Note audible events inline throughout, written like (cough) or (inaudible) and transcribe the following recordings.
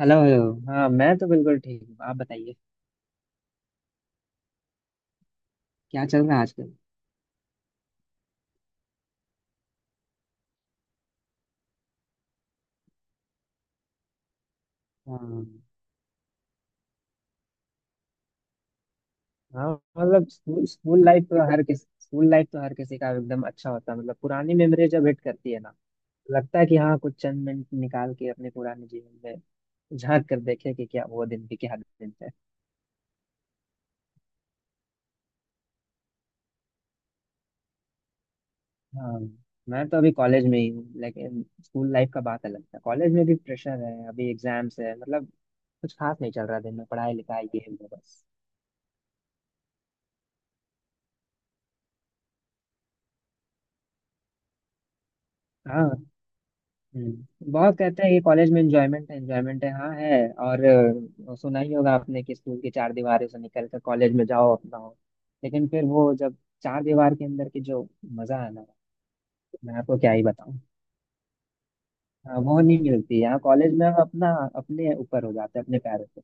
Hello hello हाँ, मैं तो बिल्कुल ठीक हूँ। आप बताइए, क्या चल रहा है आजकल? हाँ। हाँ। मतलब स्कूल स्कूल लाइफ तो हर किस स्कूल लाइफ तो हर किसी का एकदम अच्छा होता है। मतलब पुरानी मेमोरी जब हिट करती है ना, लगता है कि हाँ, कुछ चंद मिनट निकाल के अपने पुराने जीवन में झांक कर देखे कि क्या वो दिन भी क्या दिन थे। हाँ। मैं तो अभी कॉलेज में ही हूँ, लेकिन स्कूल लाइफ का बात अलग था। कॉलेज में भी प्रेशर है, अभी एग्जाम्स है। मतलब कुछ खास नहीं चल रहा, दिन में पढ़ाई लिखाई ये है वो बस। हाँ। हम्म। बहुत कहते हैं कि कॉलेज में एंजॉयमेंट है एंजॉयमेंट है, हाँ है। और सुना ही होगा आपने कि स्कूल की चार दीवारों से निकल कर कॉलेज में जाओ अपना हो। लेकिन फिर वो जब चार दीवार के अंदर की जो मजा है ना, मैं आपको क्या ही बताऊं। हाँ, वो नहीं मिलती। यहाँ कॉलेज में हम अपना अपने ऊपर हो जाते हैं, अपने पैरों पे।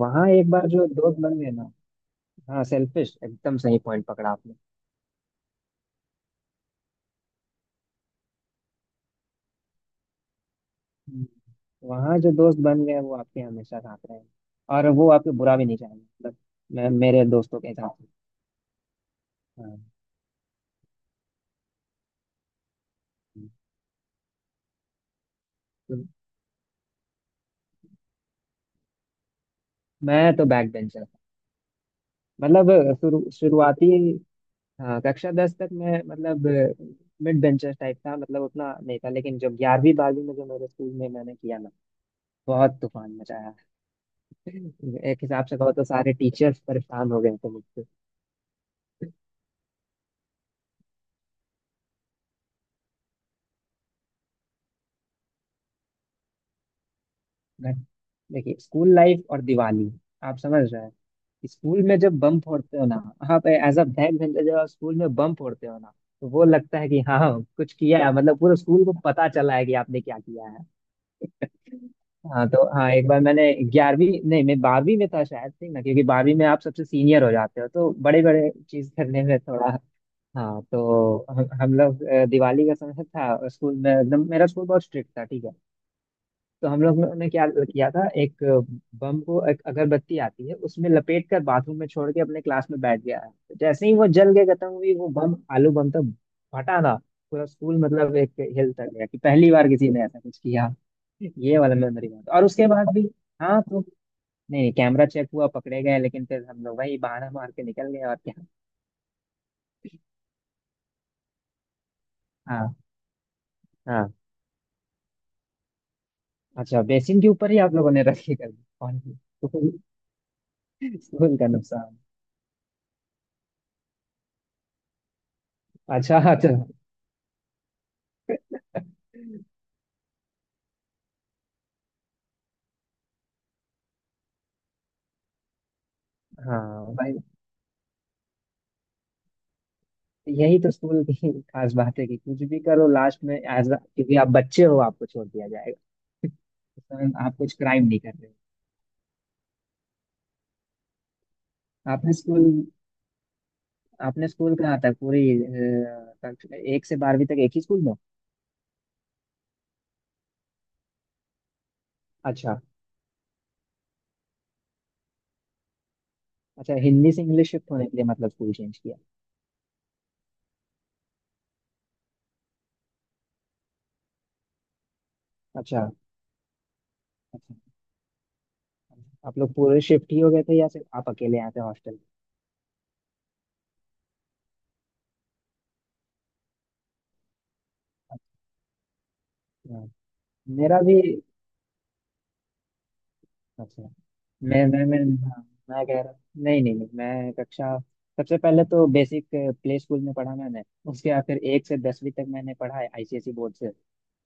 वहाँ एक बार जो दोस्त बन गए ना। हाँ, सेल्फिश, एकदम सही पॉइंट पकड़ा आपने। हम्म। वहाँ जो दोस्त बन गए वो आपके हमेशा साथ रहेंगे, और वो आपको बुरा भी नहीं चाहेंगे। मतलब मैं मेरे दोस्तों के साथ। हाँ। तो मैं तो बैक बेंचर था। मतलब शुरू शुरुआती, हाँ, कक्षा 10 तक मैं मतलब मिड बेंचर टाइप था। मतलब उतना नहीं था, लेकिन जो 11वीं 12वीं में जो मेरे स्कूल में मैंने किया ना, बहुत तूफान मचाया। एक हिसाब से कहो तो सारे टीचर्स परेशान हो गए थे मुझसे। मैं- देखिए, स्कूल लाइफ और दिवाली, आप समझ रहे हैं। स्कूल में जब बम फोड़ते हो ना, आप एज अ बैक बेंचर जब आप स्कूल में बम फोड़ते हो ना, तो वो लगता है कि हाँ कुछ किया है। मतलब पूरे स्कूल को पता चला है कि आपने क्या किया। हाँ तो हाँ, एक बार मैंने 11वीं नहीं, मैं 12वीं में था शायद, ठीक ना? क्योंकि 12वीं में आप सबसे सीनियर हो जाते हो, तो बड़े बड़े चीज करने में थोड़ा। हाँ, तो हम लोग दिवाली का समय था, स्कूल में एकदम, मेरा स्कूल बहुत स्ट्रिक्ट था, ठीक है। तो हम लोग ने क्या किया था, एक बम को एक अगरबत्ती आती है, उसमें लपेट कर बाथरूम में छोड़ के अपने क्लास में बैठ गया है। तो जैसे ही वो जल के खत्म हुई, वो बम आलू बम तो फटा ना। पूरा स्कूल मतलब एक हिल तक गया कि पहली बार किसी ने ऐसा कुछ किया। ये वाला मेमोरी बहुत, और उसके बाद भी। हाँ तो नहीं नहीं, कैमरा चेक हुआ पकड़े गए, लेकिन फिर हम लोग वही बहाना मार के निकल गए और क्या। हाँ। हाँ। अच्छा, बेसिन के ऊपर ही आप लोगों ने रखी कर दी कौन सी? स्कूल, स्कूल का नुकसान। अच्छा। अच्छा। हाँ भाई, यही तो स्कूल की (laughs) खास बात है कि कुछ भी करो लास्ट में एज, क्योंकि आप बच्चे हो आपको छोड़ दिया जाएगा। (laughs) उस समय आप कुछ क्राइम नहीं कर रहे हो। आपने स्कूल, आपने स्कूल कहाँ था, पूरी कक्षा- एक से 12वीं तक एक ही स्कूल में? अच्छा। अच्छा, हिंदी से इंग्लिश शिफ्ट होने के लिए मतलब स्कूल चेंज किया। अच्छा। अच्छा, आप लोग पूरे शिफ्ट ही हो गए थे या सिर्फ आप अकेले आए थे हॉस्टल? अच्छा, मेरा भी। अच्छा, मैं हाँ, मैं कह रहा, नहीं नहीं नहीं, मैं कक्षा, सबसे पहले तो बेसिक प्ले स्कूल में पढ़ा मैंने। उसके बाद फिर एक से 10वीं तक मैंने पढ़ा है आईसीएसई बोर्ड से।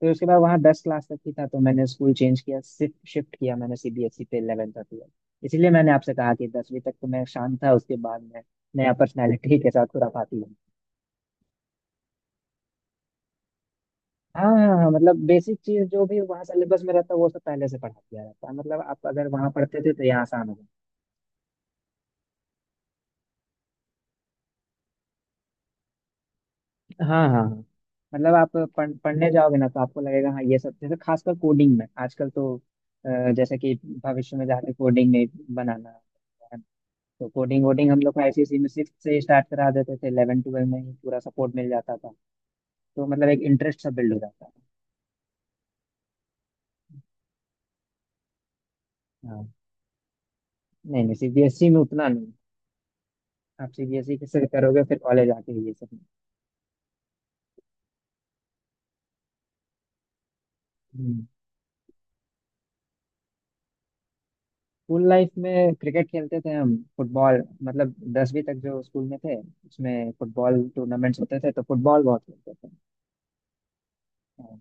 फिर उसके बाद वहाँ 10 क्लास तक ही था, तो मैंने स्कूल चेंज किया, शिफ्ट शिफ्ट किया मैंने, सीबीएसई पे 11 तक किया। इसलिए मैंने आपसे कहा कि 10वीं तक तो मैं शांत था, उसके बाद मैं नया पर्सनैलिटी के साथ खुराफाती हूँ। हाँ हाँ हाँ, मतलब बेसिक चीज जो भी वहाँ सिलेबस में रहता है वो सब पहले से पढ़ा दिया रहता है। मतलब आप अगर वहाँ पढ़ते थे तो यहाँ आसान हो। हाँ हाँ हाँ। मतलब आप पढ़ने जाओगे ना तो आपको लगेगा हाँ ये सब, जैसे खासकर कोडिंग में आजकल तो, जैसे कि भविष्य में जाके कोडिंग में बनाना है। तो कोडिंग वोडिंग हम लोग को आईसीएसई में 6 से स्टार्ट करा देते थे, 11 12 में ही पूरा सपोर्ट मिल जाता था। तो मतलब एक इंटरेस्ट सा बिल्ड हो जाता है। हाँ, नहीं नहीं सीबीएसई में उतना नहीं। आप सीबीएसई से करोगे फिर कॉलेज आके ये सब। स्कूल लाइफ में क्रिकेट खेलते थे हम, फुटबॉल मतलब 10वीं तक जो स्कूल में थे, उसमें फुटबॉल टूर्नामेंट्स होते थे तो फुटबॉल बहुत खेलते थे। हाँ।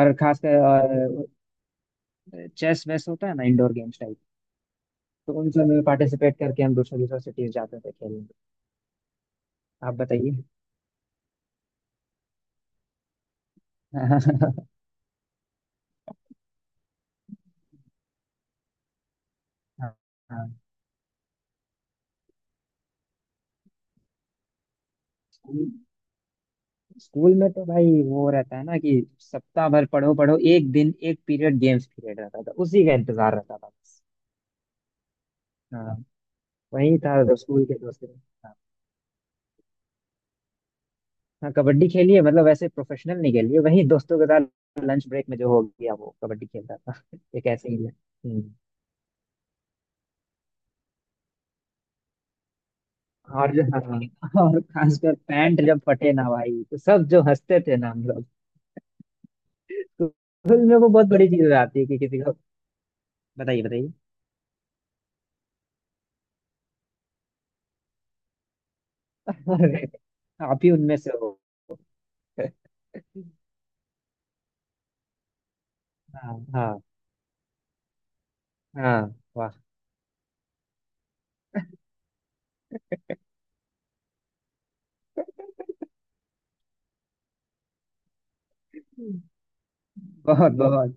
और खासकर, और चेस वेस होता है ना, इंडोर गेम्स टाइप, तो उन सब में पार्टिसिपेट करके हम दूसरे दूसरे सिटीज जाते थे खेलने। आप बताइए। (laughs) हाँ। हाँ। स्कूल, स्कूल में तो भाई वो रहता है ना कि सप्ताह भर पढ़ो पढ़ो, एक दिन एक पीरियड गेम्स पीरियड रहता था, उसी का इंतजार रहता था बस। हाँ, वही था जो स्कूल के दोस्त। हाँ। हाँ, कबड्डी खेली है, मतलब वैसे प्रोफेशनल नहीं खेली है, वही दोस्तों के साथ लंच ब्रेक में जो हो गया वो कबड्डी खेलता था। (laughs) एक ऐसे ही है। हम्म। और जो हाँ, (laughs) और खासकर पैंट जब फटे ना भाई, तो सब जो हंसते थे ना हम लोग। तो स्कूल में वो बहुत बड़ी चीज आती है कि किसी को। बताइए बताइए। (laughs) अरे, आप ही उनमें से हो। हाँ हाँ हाँ, वाह। बहुत बहुत,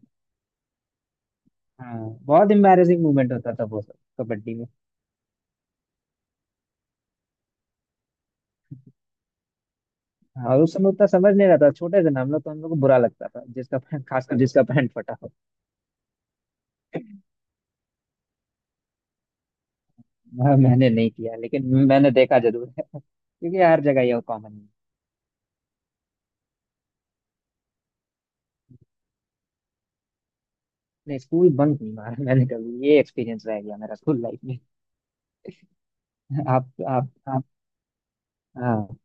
हाँ बहुत एम्बैरेसिंग मोमेंट होता था वो सब। कबड्डी में। हाँ, उस समय उतना समझ नहीं रहा था, छोटे थे ना हम लोग, तो हम लोग को बुरा लगता था जिसका पैंट, खासकर जिसका पैंट फटा हो। मैंने नहीं किया, लेकिन मैंने देखा जरूर है। (laughs) क्योंकि हर जगह ये कॉमन है। नहीं, स्कूल बंक नहीं मारा। (laughs) मैंने कभी, ये एक्सपीरियंस रह गया मेरा स्कूल लाइफ में। (laughs) आप हाँ।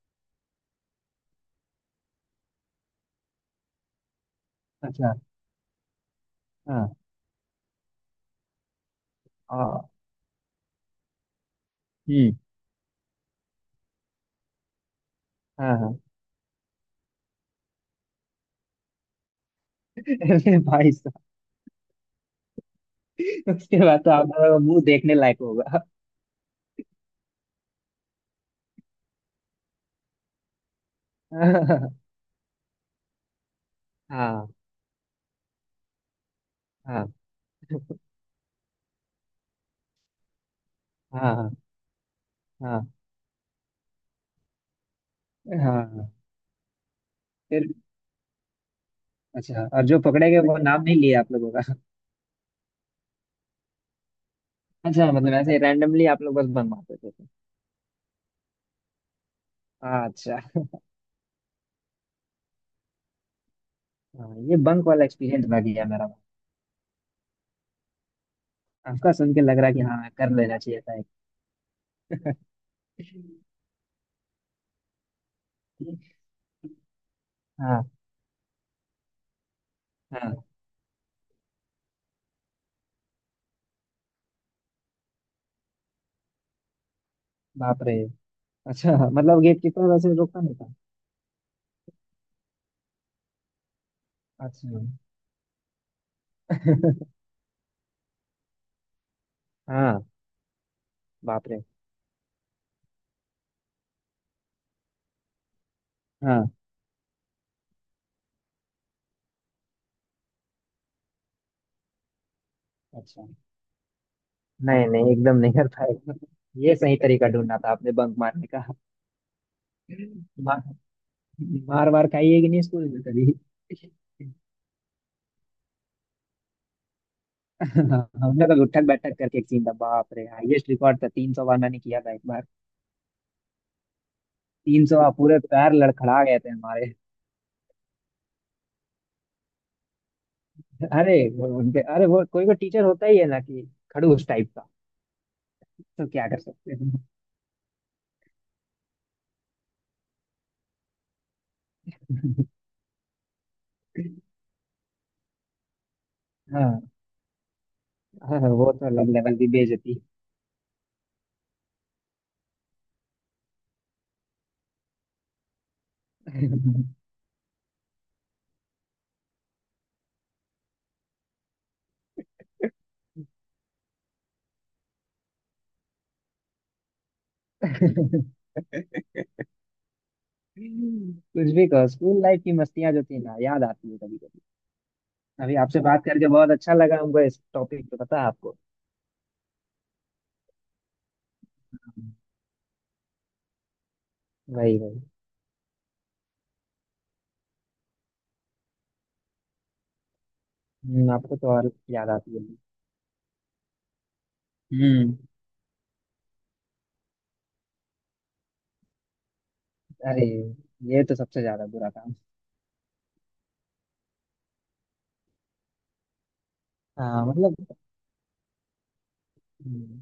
अच्छा। हाँ। आ, हम्म। हाँ। हाँ। (laughs) अरे भाई साहब, उसके बाद तो आप लोगों का मुंह देखने लायक होगा। (laughs) हाँ। हाँ हाँ हाँ हाँ हाँ। फिर अच्छा, और जो पकड़े गए वो नाम नहीं लिया आप लोगों? अच्छा, मतलब ऐसे रैंडमली आप लोग बस बंक मारते थे? अच्छा। हाँ, ये बंक वाला एक्सपीरियंस रह गया मेरा। आपका सुन के लग रहा है कि हाँ, कर लेना चाहिए था एक। हाँ। हाँ। बाप रे। अच्छा, मतलब गेट कीपर वैसे रोकता नहीं था? अच्छा। (laughs) हाँ, बाप रे। हाँ। अच्छा, नहीं नहीं, एकदम नहीं कर पाएगा। ये सही तरीका ढूंढना था आपने बंक मारने का। मार मार मार खाई है कि नहीं स्कूल में कभी? (laughs) हाँ, हम लोग उठक बैठक करके एक सीन था, बाप रे हाईएस्ट रिकॉर्ड था 300 बार मैंने किया था एक बार। 300 बार, पूरे पैर लड़खड़ा गए थे हमारे। (laughs) अरे वो उनके, अरे वो कोई कोई टीचर होता ही है ना कि खड़ूस टाइप का, तो क्या कर सकते हैं। (laughs) हाँ। हाँ, वो तो अलग लेवल की बेइज्जती। (laughs) कुछ भी कहो, स्कूल लाइफ की मस्तियां जो थी ना, याद आती है कभी कभी। अभी आपसे बात करके बहुत अच्छा लगा हमको इस टॉपिक पे, पता है आपको। हम्म, वही वही। आपको तो और याद आती है। हम्म अरे, ये तो सबसे ज्यादा बुरा काम। हाँ मतलब। हम्म,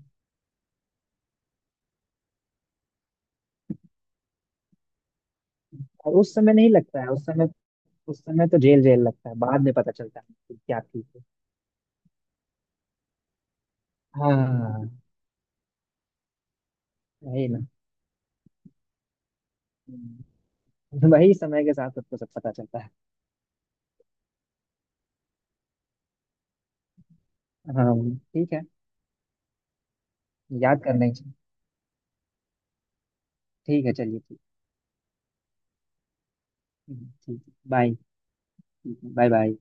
और उस समय नहीं लगता है उस समय। उस समय तो जेल जेल लगता है, बाद में पता चलता है कि क्या ठीक है। हाँ, वही ना। हम्म, वही, समय के साथ सबको सब पता चलता है। हाँ। ठीक है, याद करना ही चाहिए। ठीक है, चलिए ठीक। ठीक है, बाय। Bye bye.